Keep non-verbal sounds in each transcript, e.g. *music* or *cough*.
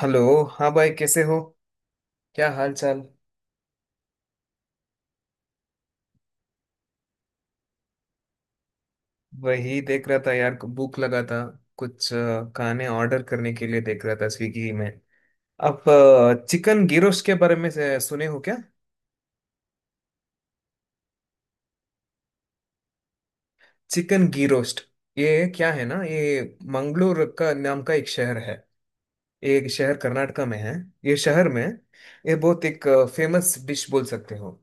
Hello. हाँ भाई, कैसे हो? क्या हाल चाल? वही देख रहा था यार, भूख लगा था। कुछ खाने ऑर्डर करने के लिए देख रहा था स्विगी में। आप चिकन घी रोस्ट के बारे में सुने हो क्या? Chicken ghee roast. ये क्या है ना, ये मंगलोर का नाम का एक शहर है। ये एक शहर कर्नाटका में है। ये शहर में, ये बहुत एक फेमस डिश बोल सकते हो।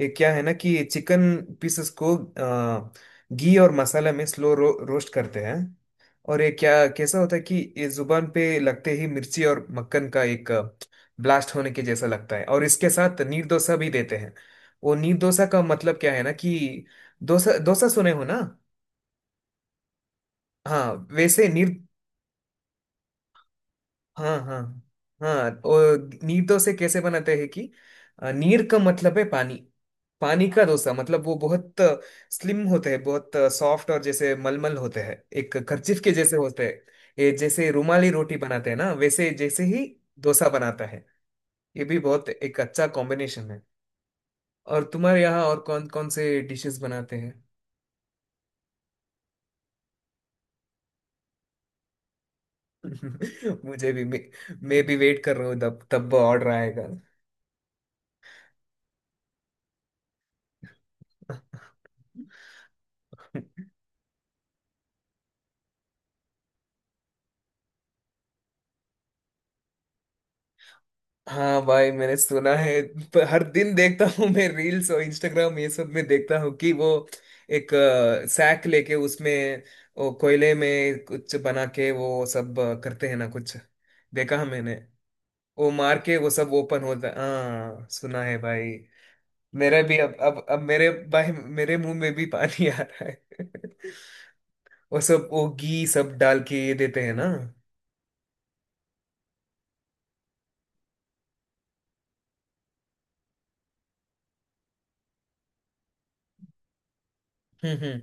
ये क्या है ना कि चिकन पीसेस को घी और मसाला में स्लो रोस्ट करते हैं। और ये क्या, कैसा होता है कि ये जुबान पे लगते ही मिर्ची और मक्खन का एक ब्लास्ट होने के जैसा लगता है, और इसके साथ नीर डोसा भी देते हैं। वो नीर डोसा का मतलब क्या है ना कि डोसा, डोसा सुने हो ना। हाँ, वैसे नीर। हाँ हाँ। हाँ, और नीर से कैसे बनाते हैं कि नीर का मतलब है पानी। पानी का डोसा मतलब वो बहुत स्लिम होते हैं, बहुत सॉफ्ट, और जैसे मलमल होते हैं, एक कर्चिफ के जैसे होते हैं। ये जैसे रुमाली रोटी बनाते हैं ना, वैसे जैसे ही डोसा बनाता है। ये भी बहुत एक अच्छा कॉम्बिनेशन है। और तुम्हारे यहाँ और कौन कौन से डिशेस बनाते हैं? *laughs* मुझे भी मैं, मैं भी वेट कर रहा हूँ, तब तब ऑर्डर आएगा। *laughs* हाँ भाई, मैंने सुना है। हर दिन देखता हूँ मैं, रील्स और इंस्टाग्राम ये सब में देखता हूँ कि वो एक सैक लेके उसमें वो कोयले में कुछ बना के वो सब करते हैं ना, कुछ देखा है मैंने। वो मार के वो सब ओपन होता है, हाँ सुना है भाई। मेरा भी अब मेरे भाई, मेरे मुंह में भी पानी आ रहा है। *laughs* वो सब वो घी सब डाल के ये देते हैं ना। हम्म, हम्म,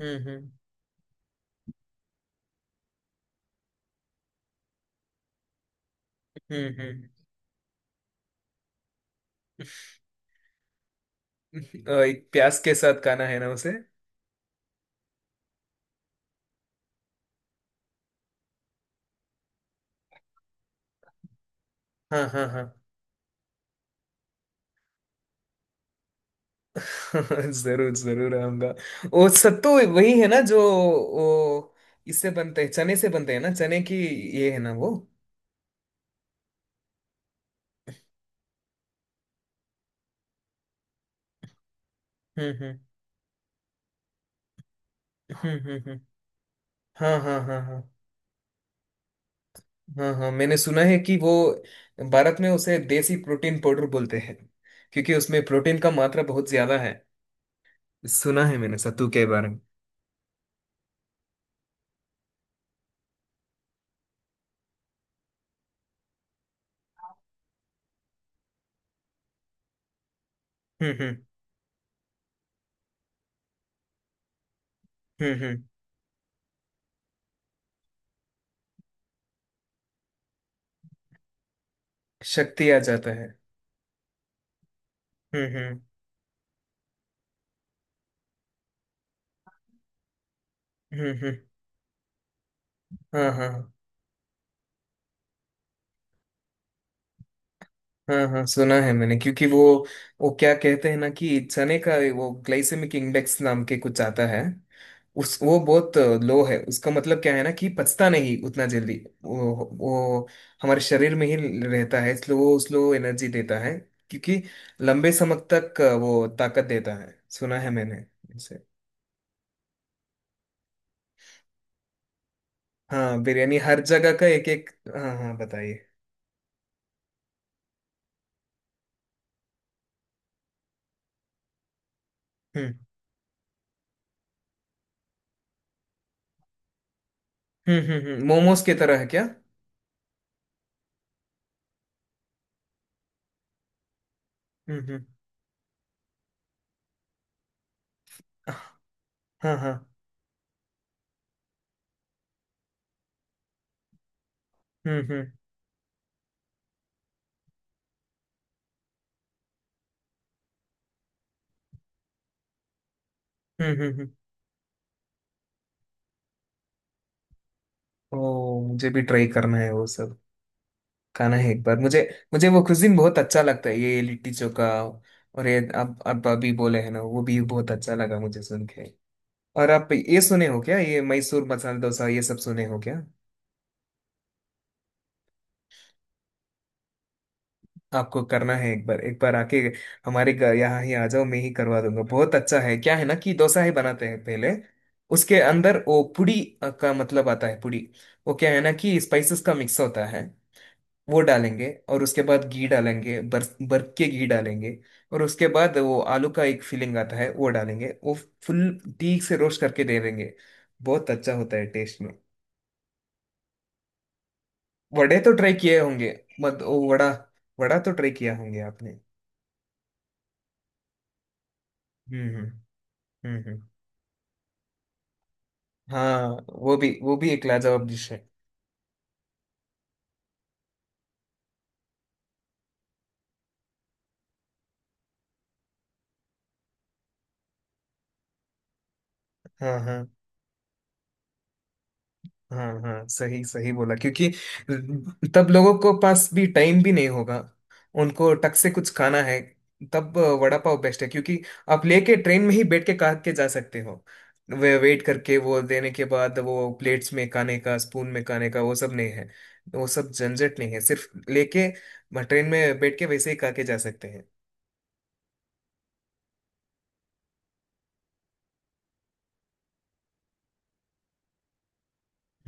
हम्म, हम्म, हम्म, एक प्याज के साथ खाना है ना उसे। हाँ हाँ हाँ। *laughs* जरूर जरूर आऊंगा। वो सत्तू वही है ना, जो वो इससे बनते हैं, चने से बनते हैं ना, चने की, ये है ना वो। हम्म, हम्म, हम्म, हम्म, हाँ हाँ हाँ हाँ। हाँ हाँ, मैंने सुना है कि वो भारत में उसे देसी प्रोटीन पाउडर बोलते हैं, क्योंकि उसमें प्रोटीन का मात्रा बहुत ज्यादा है। सुना है मैंने सत्तू के बारे में। हम्म, हम्म, हम्म, हम्म। शक्ति आ जाता है। हम्म, हम्म, हम्म, हम्म। हाँ हाँ हाँ हाँ, सुना है मैंने, क्योंकि वो क्या कहते हैं ना कि चने का वो ग्लाइसेमिक इंडेक्स नाम के कुछ आता है, उस वो बहुत लो है। उसका मतलब क्या है ना कि पचता नहीं उतना जल्दी, वो वो हमारे शरीर में ही रहता है, इसलिए वो स्लो एनर्जी देता है, क्योंकि लंबे समय तक वो ताकत देता है। सुना है मैंने इसे। हाँ बिरयानी हर जगह का एक एक। हाँ हाँ, बताइए। हम्म, हम्म, हम्म। मोमोज की तरह है क्या? हम्म, हम्म। हाँ हाँ। हम्म, हम्म, हम्म, हम्म। ओ, मुझे भी ट्राई करना है वो सब, खाना है एक बार। मुझे, मुझे वो कुजिन बहुत अच्छा लगता है, ये लिट्टी चोखा, और ये आप अभी बोले हैं ना, वो भी बहुत अच्छा लगा मुझे सुन के। और आप ये सुने हो क्या, ये मैसूर मसाला डोसा, ये सब सुने हो क्या? आपको करना है एक बार, एक बार आके हमारे घर यहाँ ही आ जाओ, मैं ही करवा दूंगा, बहुत अच्छा है। क्या है ना कि डोसा ही बनाते हैं पहले, उसके अंदर वो पुड़ी का मतलब आता है पुड़ी, वो क्या है ना कि स्पाइसेस का मिक्स होता है, वो डालेंगे, और उसके बाद घी डालेंगे, बर बर्फ के घी डालेंगे, और उसके बाद वो आलू का एक फीलिंग आता है, वो डालेंगे, वो फुल ठीक से रोस्ट करके दे देंगे। बहुत अच्छा होता है टेस्ट में। वड़े तो ट्राई किए होंगे। मत ओ वड़ा, वड़ा तो ट्राई किया होंगे आपने। हम्म, हम्म, हम्म, हाँ, वो भी एक लाजवाब डिश है। हाँ हाँ हाँ हाँ, सही सही बोला, क्योंकि तब लोगों को पास भी टाइम भी नहीं होगा, उनको टक से कुछ खाना है, तब वड़ा पाव बेस्ट है, क्योंकि आप लेके ट्रेन में ही बैठ के खा के जा सकते हो। वे वेट करके वो देने के बाद वो प्लेट्स में खाने का, स्पून में खाने का, वो सब नहीं है, वो सब झंझट नहीं है, सिर्फ लेके ट्रेन में बैठ के वैसे ही खा के जा सकते हैं।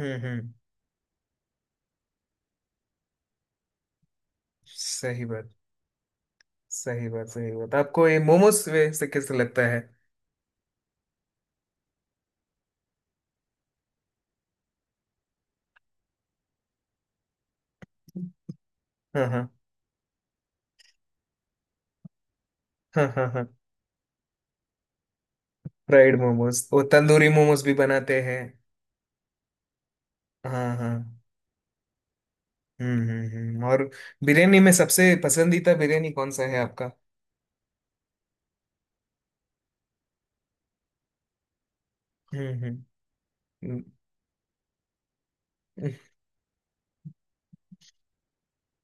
हम्म, हम्म। सही बात, सही बात, सही बात, आपको ये मोमोज से कैसे लगता है? हाँ हाँ हाँ हाँ हाँ। फ्राइड मोमोज, वो तंदूरी मोमोज भी बनाते हैं। हाँ हाँ। हम्म, हम्म, हम्म। और बिरयानी में सबसे पसंदीदा बिरयानी कौन सा है आपका? हम्म, हम्म, हम्म।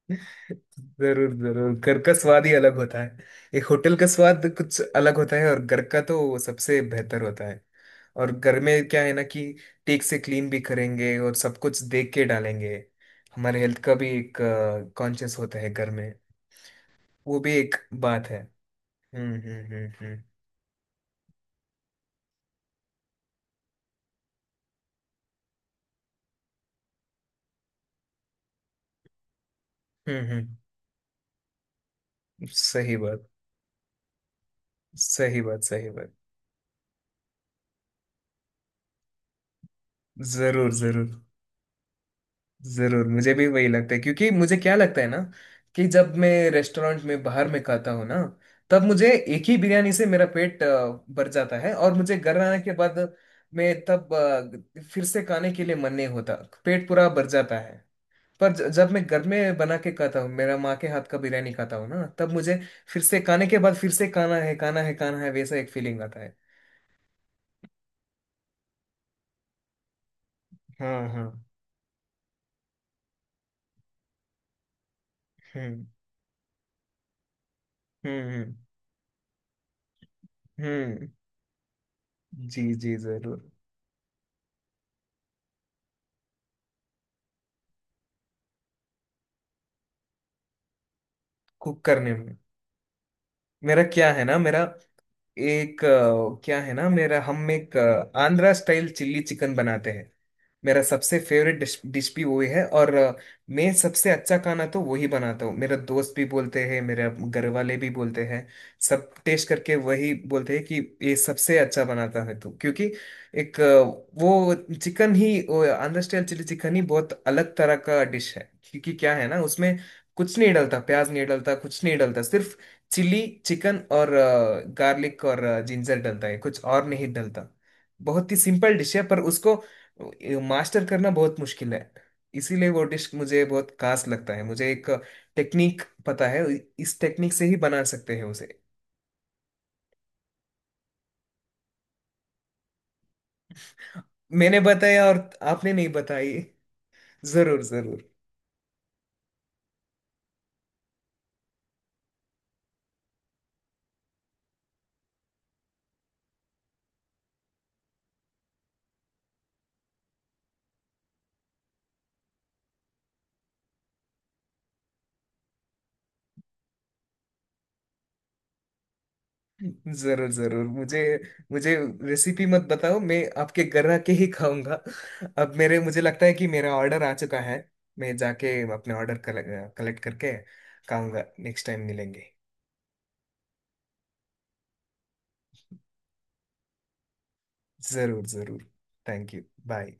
*laughs* जरूर जरूर, घर का स्वाद ही अलग होता है। एक होटल का स्वाद कुछ अलग होता है, और घर का तो वो सबसे बेहतर होता है। और घर में क्या है ना कि टेक से क्लीन भी करेंगे और सब कुछ देख के डालेंगे, हमारे हेल्थ का भी एक कॉन्शियस होता है घर में, वो भी एक बात है। हम्म, हम्म, हम्म, हम्म, हम्म, सही बात, सही बात, सही बात। जरूर जरूर। जरूर, मुझे भी वही लगता है, क्योंकि मुझे क्या लगता है ना कि जब मैं रेस्टोरेंट में बाहर में खाता हूँ ना, तब मुझे एक ही बिरयानी से मेरा पेट भर जाता है, और मुझे घर आने के बाद मैं तब फिर से खाने के लिए मन नहीं होता, पेट पूरा भर जाता है। पर जब मैं घर में बना के खाता हूँ, मेरा माँ के हाथ का बिरयानी खाता हूँ ना, तब मुझे फिर से खाने के बाद फिर से खाना है, खाना है, खाना है, वैसा एक फीलिंग आता है। हाँ हाँ। हम्म, हम्म, हम्म, हम्म। जी जी, जरूर। कुक करने में, मेरा क्या है ना, मेरा एक क्या है ना, मेरा हम एक आंध्रा स्टाइल चिल्ली चिकन बनाते हैं। मेरा सबसे फेवरेट डिश डिश भी वही है, और मैं सबसे अच्छा खाना तो वही बनाता हूँ। मेरा दोस्त भी बोलते हैं, मेरे घर वाले भी बोलते हैं, सब टेस्ट करके वही बोलते हैं कि ये सबसे अच्छा बनाता है तू, क्योंकि एक वो चिकन ही, वो आंध्र स्टाइल चिली चिकन ही बहुत अलग तरह का डिश है, क्योंकि क्या है ना उसमें कुछ नहीं डलता, प्याज नहीं डलता, कुछ नहीं डलता, सिर्फ चिली चिकन और गार्लिक और जिंजर डलता है, कुछ और नहीं डलता। बहुत ही सिंपल डिश है, पर उसको मास्टर करना बहुत मुश्किल है। इसीलिए वो डिश मुझे बहुत खास लगता है। मुझे एक टेक्निक पता है, इस टेक्निक से ही बना सकते हैं उसे। मैंने बताया, और आपने नहीं बताई। जरूर जरूर, जरूर जरूर। मुझे, मुझे रेसिपी मत बताओ, मैं आपके घर आके ही खाऊंगा। अब मेरे, मुझे लगता है कि मेरा ऑर्डर आ चुका है, मैं जाके अपने ऑर्डर कलेक्ट करके खाऊंगा। नेक्स्ट टाइम मिलेंगे। जरूर जरूर। Thank you. बाय।